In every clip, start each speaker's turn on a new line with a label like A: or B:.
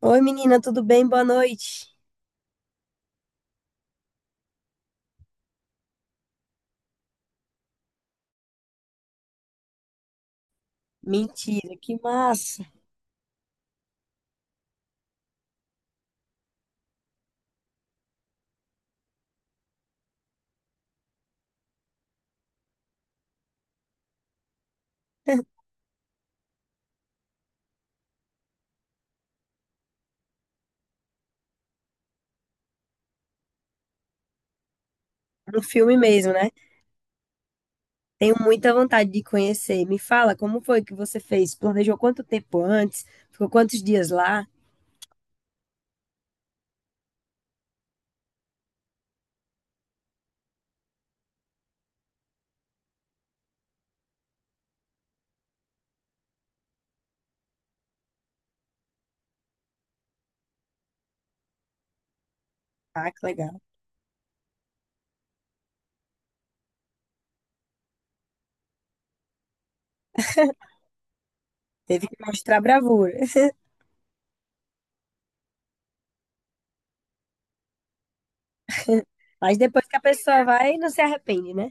A: Oi, menina, tudo bem? Boa noite. Mentira, que massa. Um filme mesmo, né? Tenho muita vontade de conhecer. Me fala, como foi que você fez? Planejou quanto tempo antes? Ficou quantos dias lá? Ah, que legal. Teve que mostrar bravura. Mas depois que a pessoa vai, não se arrepende, né?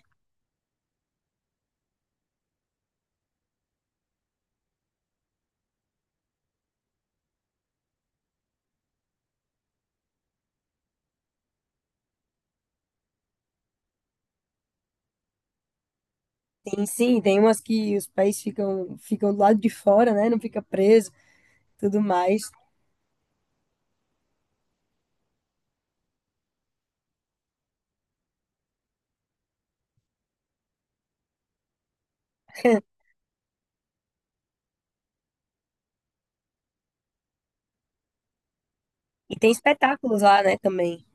A: Tem sim, tem umas que os pés ficam, ficam do lado de fora, né? Não fica preso, tudo mais. E tem espetáculos lá, né, também.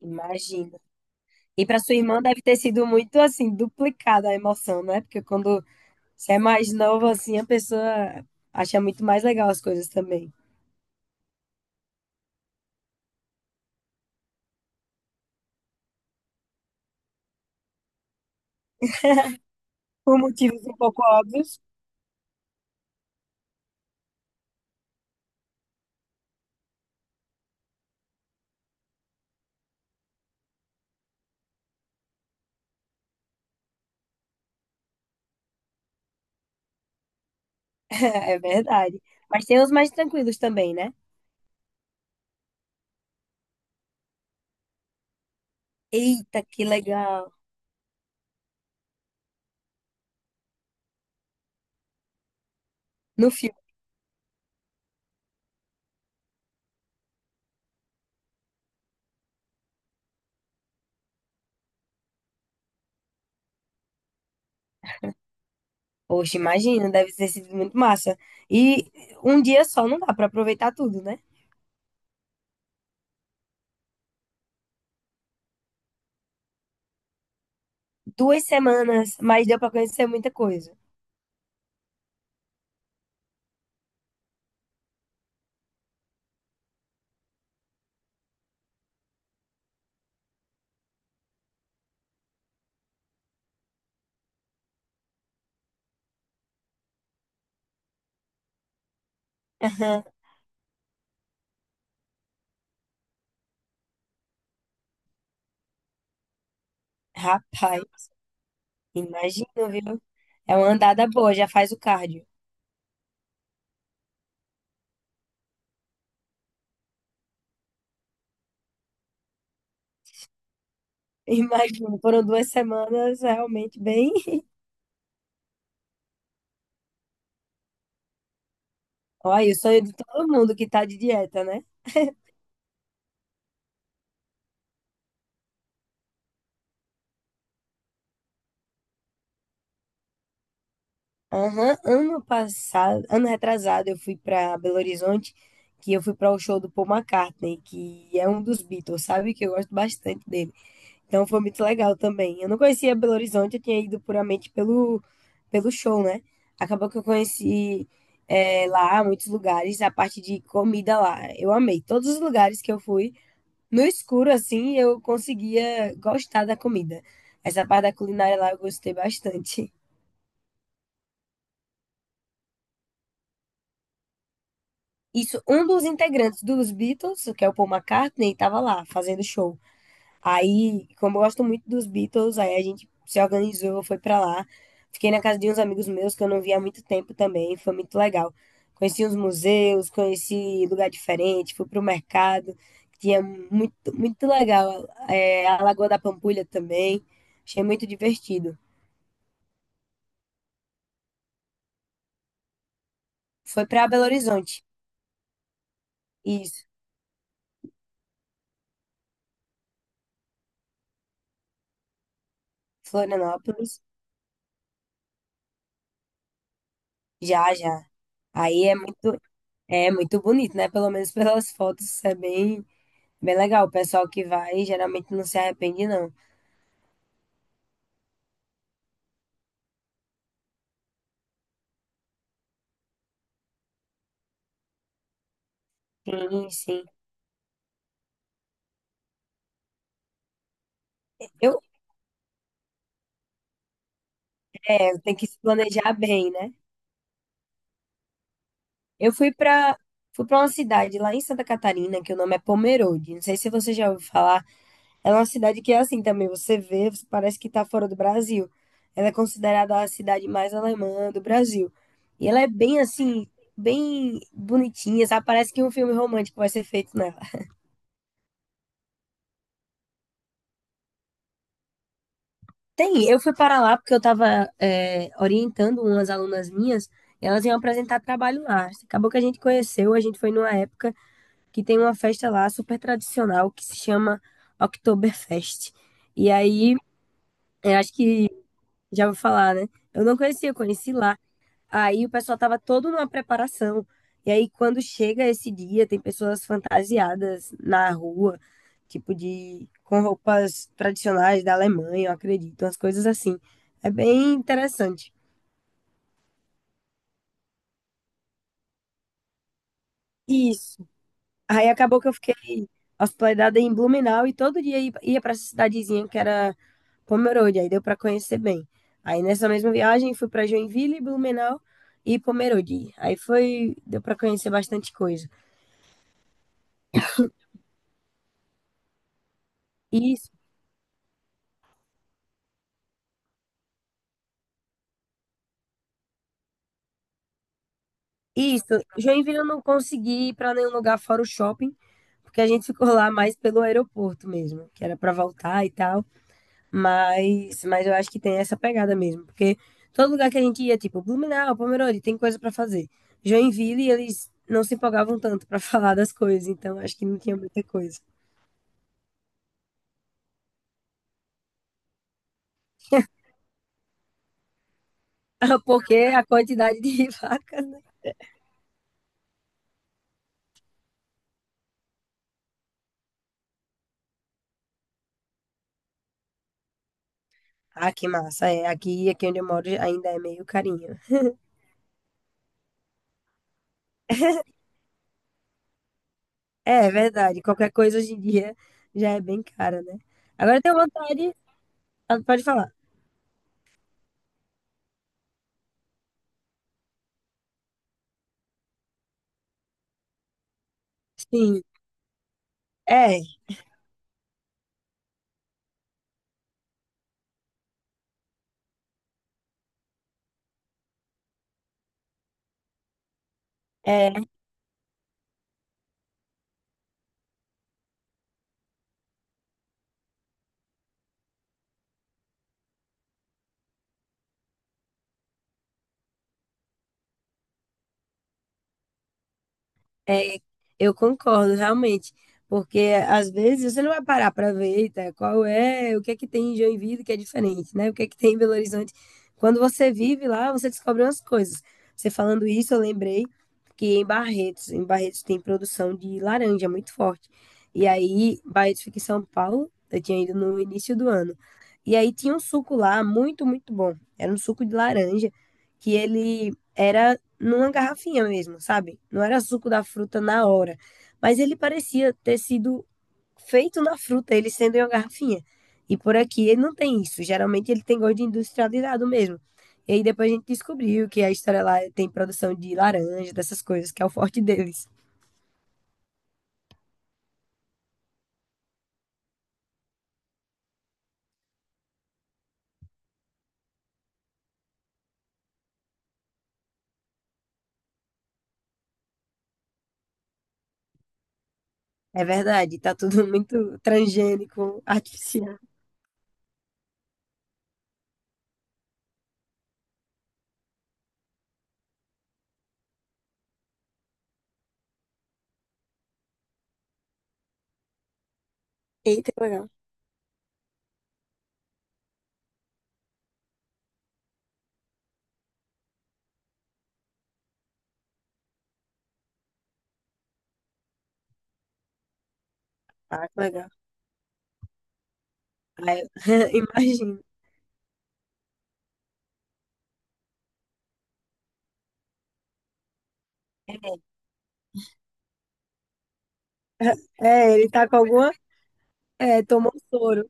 A: Imagina. E para sua irmã deve ter sido muito assim, duplicada a emoção, né? Porque quando você é mais novo assim, a pessoa acha muito mais legal as coisas também. Por motivos um pouco óbvios, é verdade. Mas tem os mais tranquilos também, né? Eita, que legal. No filme, poxa, imagina, deve ter sido muito massa. E um dia só não dá para aproveitar tudo, né? Duas semanas, mas deu para conhecer muita coisa. Aham. Rapaz, imagina, viu? É uma andada boa, já faz o cardio. Imagino, foram duas semanas realmente bem. Olha, o sonho de todo mundo que tá de dieta, né? Aham, ano passado, ano retrasado, eu fui pra Belo Horizonte, que eu fui para o show do Paul McCartney, que é um dos Beatles, sabe? Que eu gosto bastante dele. Então foi muito legal também. Eu não conhecia Belo Horizonte, eu tinha ido puramente pelo show, né? Acabou que eu conheci lá muitos lugares, a parte de comida lá. Eu amei. Todos os lugares que eu fui. No escuro, assim, eu conseguia gostar da comida. Essa parte da culinária lá eu gostei bastante. Isso, um dos integrantes dos Beatles, que é o Paul McCartney, estava lá fazendo show. Aí, como eu gosto muito dos Beatles, aí a gente se organizou, foi pra lá. Fiquei na casa de uns amigos meus que eu não via há muito tempo também, foi muito legal. Conheci uns museus, conheci lugar diferente, fui pro mercado, que tinha muito, muito legal. É, a Lagoa da Pampulha também, achei muito divertido. Foi pra Belo Horizonte. Isso. Florianópolis. Já, já. Aí é muito bonito, né? Pelo menos pelas fotos, é bem, bem legal. O pessoal que vai geralmente não se arrepende, não. Sim, sim. Eu, é, eu tenho que se planejar bem, né? Eu fui pra Fui para uma cidade lá em Santa Catarina, que o nome é Pomerode. Não sei se você já ouviu falar. É uma cidade que é assim também, você vê, você parece que tá fora do Brasil. Ela é considerada a cidade mais alemã do Brasil. E ela é bem assim, bem bonitinha, sabe? Parece que um filme romântico vai ser feito nela. Tem, eu fui para lá porque eu estava orientando umas alunas minhas, e elas iam apresentar trabalho lá. Acabou que a gente conheceu, a gente foi numa época que tem uma festa lá super tradicional que se chama Oktoberfest. E aí, eu acho que já vou falar, né? Eu não conhecia, eu conheci lá. Aí o pessoal tava todo numa preparação. E aí, quando chega esse dia, tem pessoas fantasiadas na rua, tipo de com roupas tradicionais da Alemanha, eu acredito, umas coisas assim. É bem interessante. Isso. Aí acabou que eu fiquei hospedada em Blumenau e todo dia ia ia pra essa cidadezinha que era Pomerode, aí deu pra conhecer bem. Aí nessa mesma viagem fui pra Joinville, Blumenau e Pomerode. Aí foi, deu pra conhecer bastante coisa. E isso, Joinville eu não consegui ir para nenhum lugar fora o shopping, porque a gente ficou lá mais pelo aeroporto mesmo, que era para voltar e tal. Mas eu acho que tem essa pegada mesmo, porque todo lugar que a gente ia, tipo Blumenau, Pomerode, tem coisa para fazer. Joinville, eles não se empolgavam tanto para falar das coisas, então acho que não tinha muita coisa. Porque a quantidade de vacas, né? Ah, que massa, é. Aqui onde eu moro ainda é meio carinho. É verdade, qualquer coisa hoje em dia já é bem cara, né? Agora eu tenho vontade. Ah, pode falar. Sim, é, é. É, eu concordo, realmente. Porque às vezes você não vai parar para ver, eita, qual é, o que é que tem em Joinville que é diferente, né? O que é que tem em Belo Horizonte? Quando você vive lá, você descobre umas coisas. Você falando isso, eu lembrei que em Barretos tem produção de laranja muito forte. E aí, Barretos fica em São Paulo, eu tinha ido no início do ano. E aí tinha um suco lá muito, muito bom. Era um suco de laranja que ele era numa garrafinha mesmo, sabe? Não era suco da fruta na hora, mas ele parecia ter sido feito na fruta, ele sendo em uma garrafinha. E por aqui ele não tem isso. Geralmente ele tem gosto de industrializado mesmo. E aí depois a gente descobriu que a história lá tem produção de laranja, dessas coisas, que é o forte deles. É verdade, tá tudo muito transgênico, artificial. Eita, que legal. Ah, que legal. Aí, imagino. É, é, ele tá com alguma. É, tomou um soro.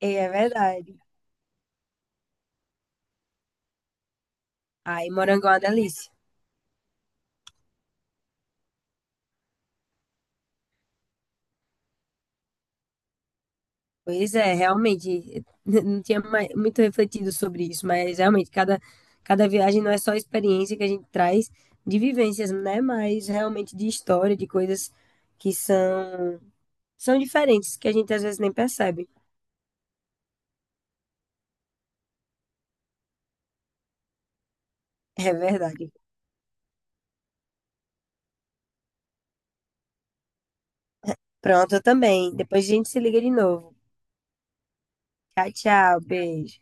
A: É, é verdade. Ai, morango é uma delícia. Pois é, realmente, não tinha muito refletido sobre isso, mas realmente, cada viagem não é só experiência que a gente traz de vivências, né? Mas realmente de história, de coisas que são, são diferentes, que a gente às vezes nem percebe. É verdade. Pronto, eu também. Depois a gente se liga de novo. Tchau, tchau, beijo.